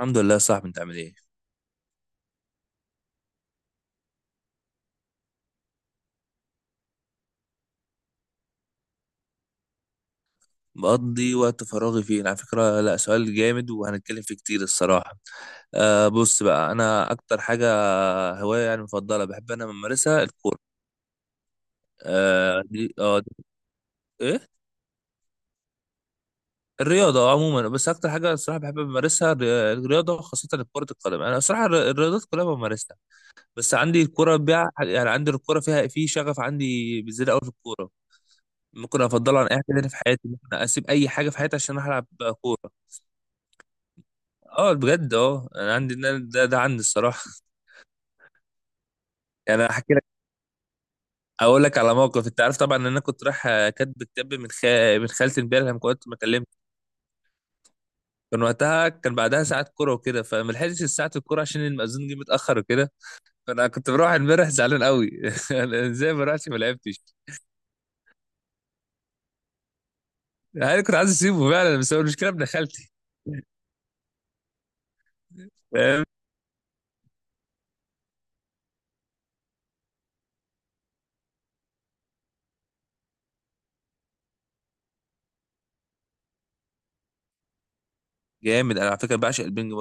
الحمد لله يا صاحبي، انت عامل ايه؟ بقضي وقت فراغي فين؟ على فكرة لا، سؤال جامد وهنتكلم فيه كتير الصراحة. بص بقى، انا اكتر حاجة هواية يعني مفضلة بحب انا بمارسها الكورة. آه دي. ايه، الرياضة عموما، بس اكتر حاجة الصراحة بحب امارسها الرياضة، خاصة كرة القدم. انا الصراحة الرياضات كلها بمارسها، بس عندي الكورة بيع، يعني عندي الكورة فيها في شغف عندي بزيادة قوي في الكورة. ممكن افضلها عن اي حاجة تانية في حياتي، ممكن اسيب اي حاجة في حياتي عشان العب كورة. اه بجد اه، انا عندي ده عندي الصراحه. يعني انا هحكي لك، اقول لك على موقف. انت عارف طبعا ان انا كنت رايح كاتب كتاب من خالتي امبارح لما كنت بكلمك. كان وقتها كان بعدها ساعه كوره وكده، فما لحقتش ساعه الكوره عشان المأذون جه متاخر وكده. فانا كنت بروح امبارح زعلان قوي. أنا ازاي ما رحتش ما لعبتش؟ انا كنت عايز اسيبه فعلا، بس هو المشكله ابن خالتي، فاهم. جامد، انا على فكره بعشق البينج.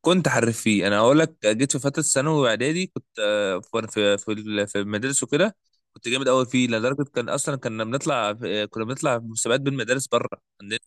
كنت حريف فيه، انا اقول لك جيت في فتره ثانوي واعدادي كنت في المدارس وكده. كنت جامد قوي فيه لدرجه كان اصلا كنا بنطلع في مسابقات بين مدارس بره عندنا.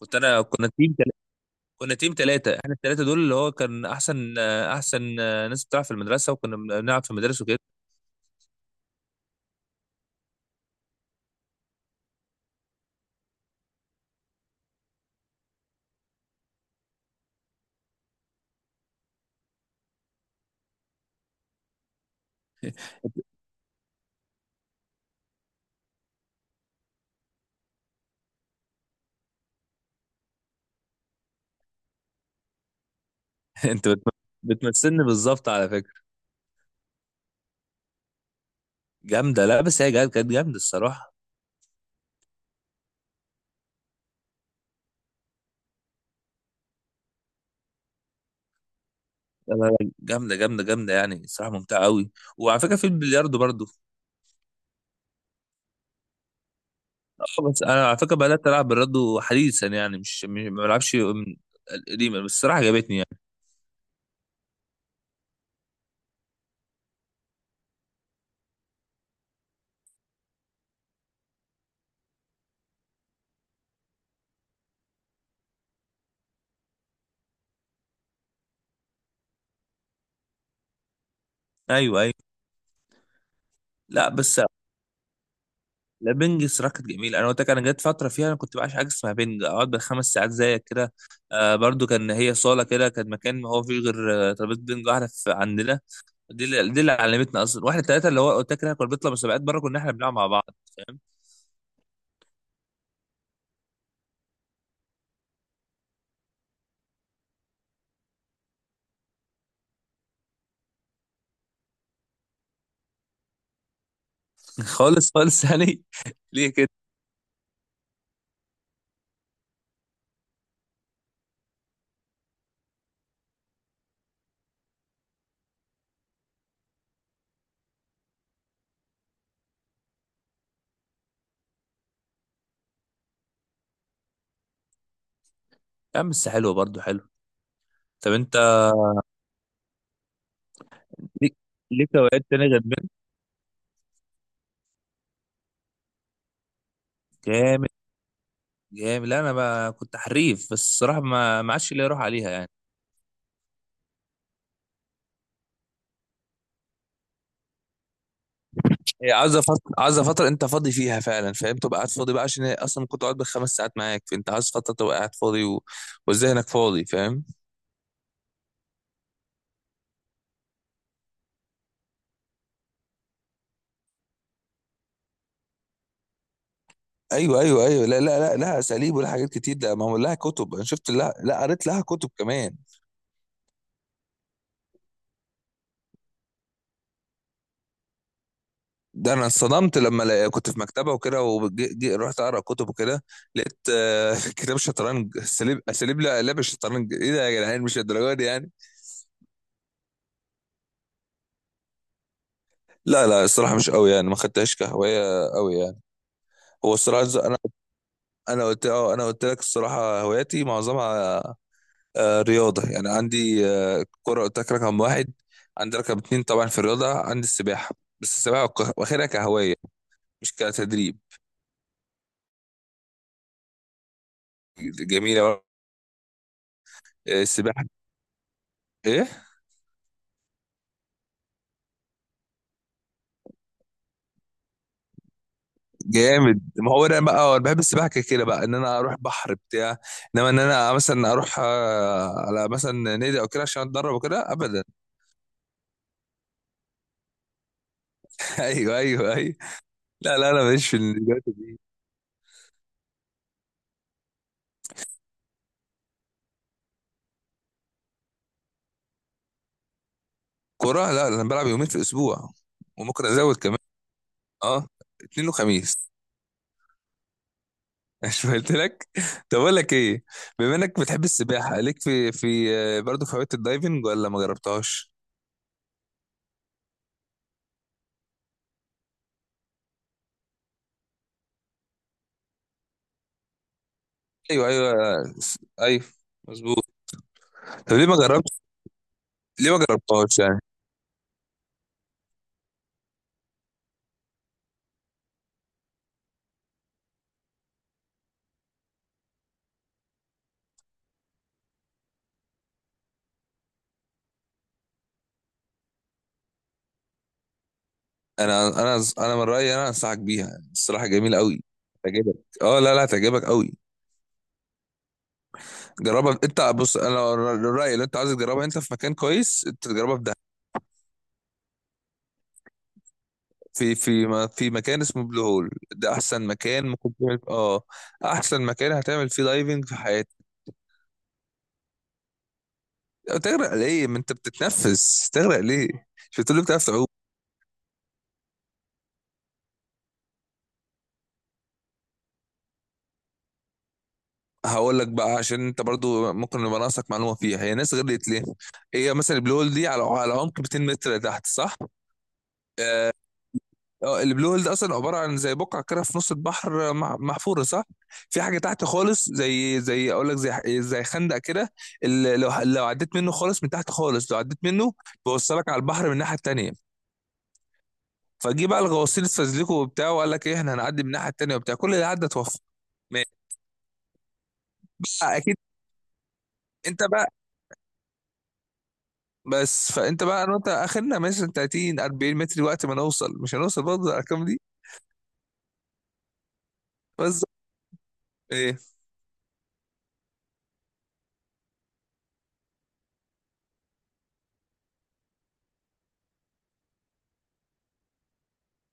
كنت انا كنا تيم ثلاثه، احنا الثلاثه دول اللي هو كان احسن ناس بتلعب في المدرسه، وكنا بنلعب في المدارس وكده. انت بتمثلني بالظبط على فكره. جامده، لا بس هي كانت جامده الصراحه. لا، لا، لا، جامده جامده جامده، يعني الصراحه ممتعه قوي. وعلى فكره في البلياردو برضه. بس انا على فكره بدات العب بالرادو حديثا، يعني ما بلعبش من القديمه، بس الصراحه عجبتني يعني. ايوه ايوه. لا بس، لا بنج الصراحه كانت جميله. انا قلت لك انا جت فتره فيها انا كنت بعشق حاجه اسمها بنج، اقعد بالخمس ساعات زيك كده. آه برضو، كان هي صاله كده، كان مكان ما هو فيه غير ترابيزه بنج واحده في عندنا. دي اللي علمتنا اصلا واحنا ثلاثه، اللي هو قلت لك احنا كنا بنطلع مسابقات بره، كنا احنا بنلعب مع بعض، فاهم. خالص خالص يعني. ليه كده؟ يا عم بس حلوه برضو حلو. طب انت ليك ليك هوايات تانية غير بنج؟ جامد، لا انا بقى كنت حريف، بس الصراحه ما عادش ليا روح عليها يعني. هي عايزه فتره عايزه فتره، انت فاضي فيها فعلا، فاهم؟ تبقى قاعد فاضي بقى، عشان هي اصلا كنت قاعد بالخمس ساعات معاك، فانت عايز فتره تبقى قاعد فاضي وذهنك فاضي، فاهم. ايوه ايوه ايوه. لا لا لا لا، اساليب ولا حاجات كتير. ده ما هو لها كتب، انا شفت لها، لا قريت لها كتب كمان. ده انا اتصدمت لما كنت في مكتبه وكده، ورحت اقرا كتب وكده، لقيت كتاب شطرنج اساليب اساليب لا لعب الشطرنج. ايه ده يا جدعان، مش الدرجه دي يعني. لا لا، الصراحة مش قوي يعني، ما خدتهاش كهواية قوي يعني. هو الصراحة أنا، أنا قلت أه أنا قلت لك الصراحة هواياتي معظمها رياضة. يعني عندي كرة قلت لك رقم واحد، عندي رقم اتنين طبعا في الرياضة عندي السباحة، بس السباحة واخدها كهواية مش كتدريب. جميلة. السباحة إيه. جامد، ما هو أنا بقى أنا بحب السباحة كده كده بقى، إن أنا أروح بحر بتاع، إنما إن أنا مثلا أروح على مثلا نادي أو كده عشان أتدرب وكده، أبدا. أيوه أيوه أيوه. لا لا، انا ماليش في الرياضه دي. كوره، لا انا بلعب يومين في الاسبوع، وممكن ازود كمان. اه، اثنين وخميس. مش قلت لك. طب اقول لك ايه، بما انك بتحب السباحه، ليك في في برضه في هوايه الدايفنج ولا ما جربتهاش؟ ايوه ايوه ايوه، مظبوط. طب ليه ما جربت، ليه ما جربتهاش يعني؟ انا من رايي انا انصحك بيها، الصراحه جميل قوي، هتعجبك. اه لا لا، هتعجبك قوي. جربها انت، بص انا الراي اللي انت عايز تجربها انت في مكان كويس، انت تجربها في في مكان اسمه بلو هول. ده احسن مكان ممكن تعمل، اه احسن مكان هتعمل فيه دايفنج في حياتك. تغرق ليه، ما انت بتتنفس؟ تغرق ليه؟ مش بتقول لي بتعرف تعوم؟ هقول لك بقى، عشان انت برضو ممكن يبقى ناقصك معلومه فيها، هي ناس غرقت ليه. هي مثلا البلو هول دي على عمق 200 متر تحت، صح؟ اه البلو هول ده اصلا عباره عن زي بقعه كده في نص البحر، محفوره، صح. في حاجه تحت خالص، زي زي اقول لك زي زي خندق كده، لو عديت منه خالص، من تحت خالص لو عديت منه، بيوصلك على البحر من الناحيه التانيه. فجي بقى الغواصين استزلكوا وبتاع وقال لك ايه احنا هنعدي من الناحيه التانيه وبتاع، كل اللي عدى توفى. ماشي. آه، اكيد. انت بقى، بس فانت بقى انا وانت اخرنا مثلا 30 40 متر وقت ما نوصل، مش هنوصل برضه الارقام دي. بس ايه.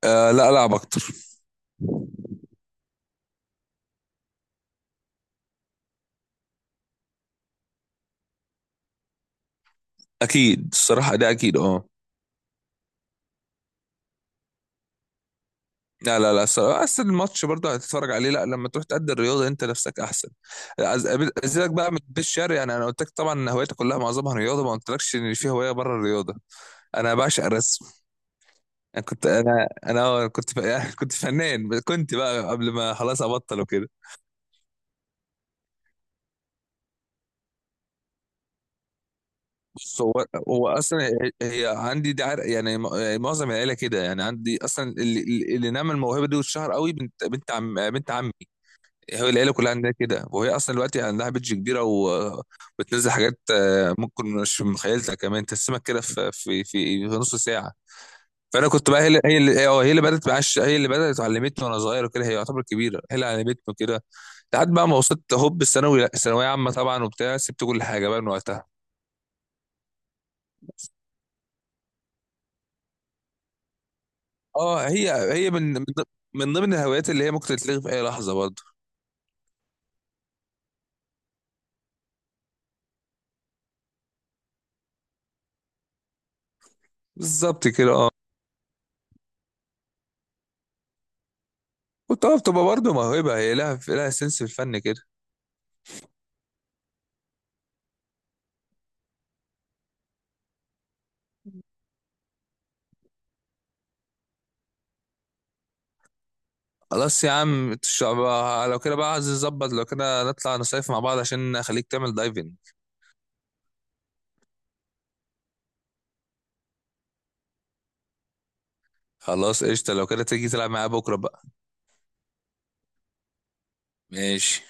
آه لا، العب اكتر. اكيد الصراحه، ده اكيد اه. لا لا لا، الصراحة أصل الماتش برضه هتتفرج عليه، لا لما تروح تأدي الرياضة أنت نفسك أحسن. أزيدك بقى من البيت الشعر، يعني أنا قلت لك طبعا إن هوايتي كلها معظمها رياضة، ما قلتلكش إن في هواية بره الرياضة. أنا بعشق الرسم. أنا كنت أنا أنا آه، كنت ف- يعني كنت فنان، كنت بقى قبل ما خلاص أبطل وكده. بص هو أصلا، هي عندي دي يعني يعني معظم العيلة كده، يعني عندي أصلا اللي نعمل الموهبة دي واتشهر قوي، بنت عمي. هو العيله كلها عندها كده، وهي اصلا دلوقتي عندها بيدج كبيره وبتنزل حاجات ممكن مش في مخيلتها، كمان تسمك كده في نص ساعه. فانا كنت بقى، هي اللي بدات علمتني وانا صغير وكده، هي يعتبر كبيره، هي اللي علمتني كده لحد بقى ما وصلت هوب الثانوي، ثانويه عامه طبعا وبتاع سبت كل حاجه بقى من وقتها. اه هي من ضمن الهوايات اللي هي ممكن تتلغي في اي لحظه برضه. بالظبط كده اه. وطبعا بتبقى برضه موهبه، هي لها سنس في الفن كده. خلاص يا عم، لو كده بقى عايز نظبط لو كده نطلع نصيف مع بعض عشان اخليك تعمل دايفنج. خلاص قشطة، لو كده تيجي تلعب معايا بكرة بقى. ماشي.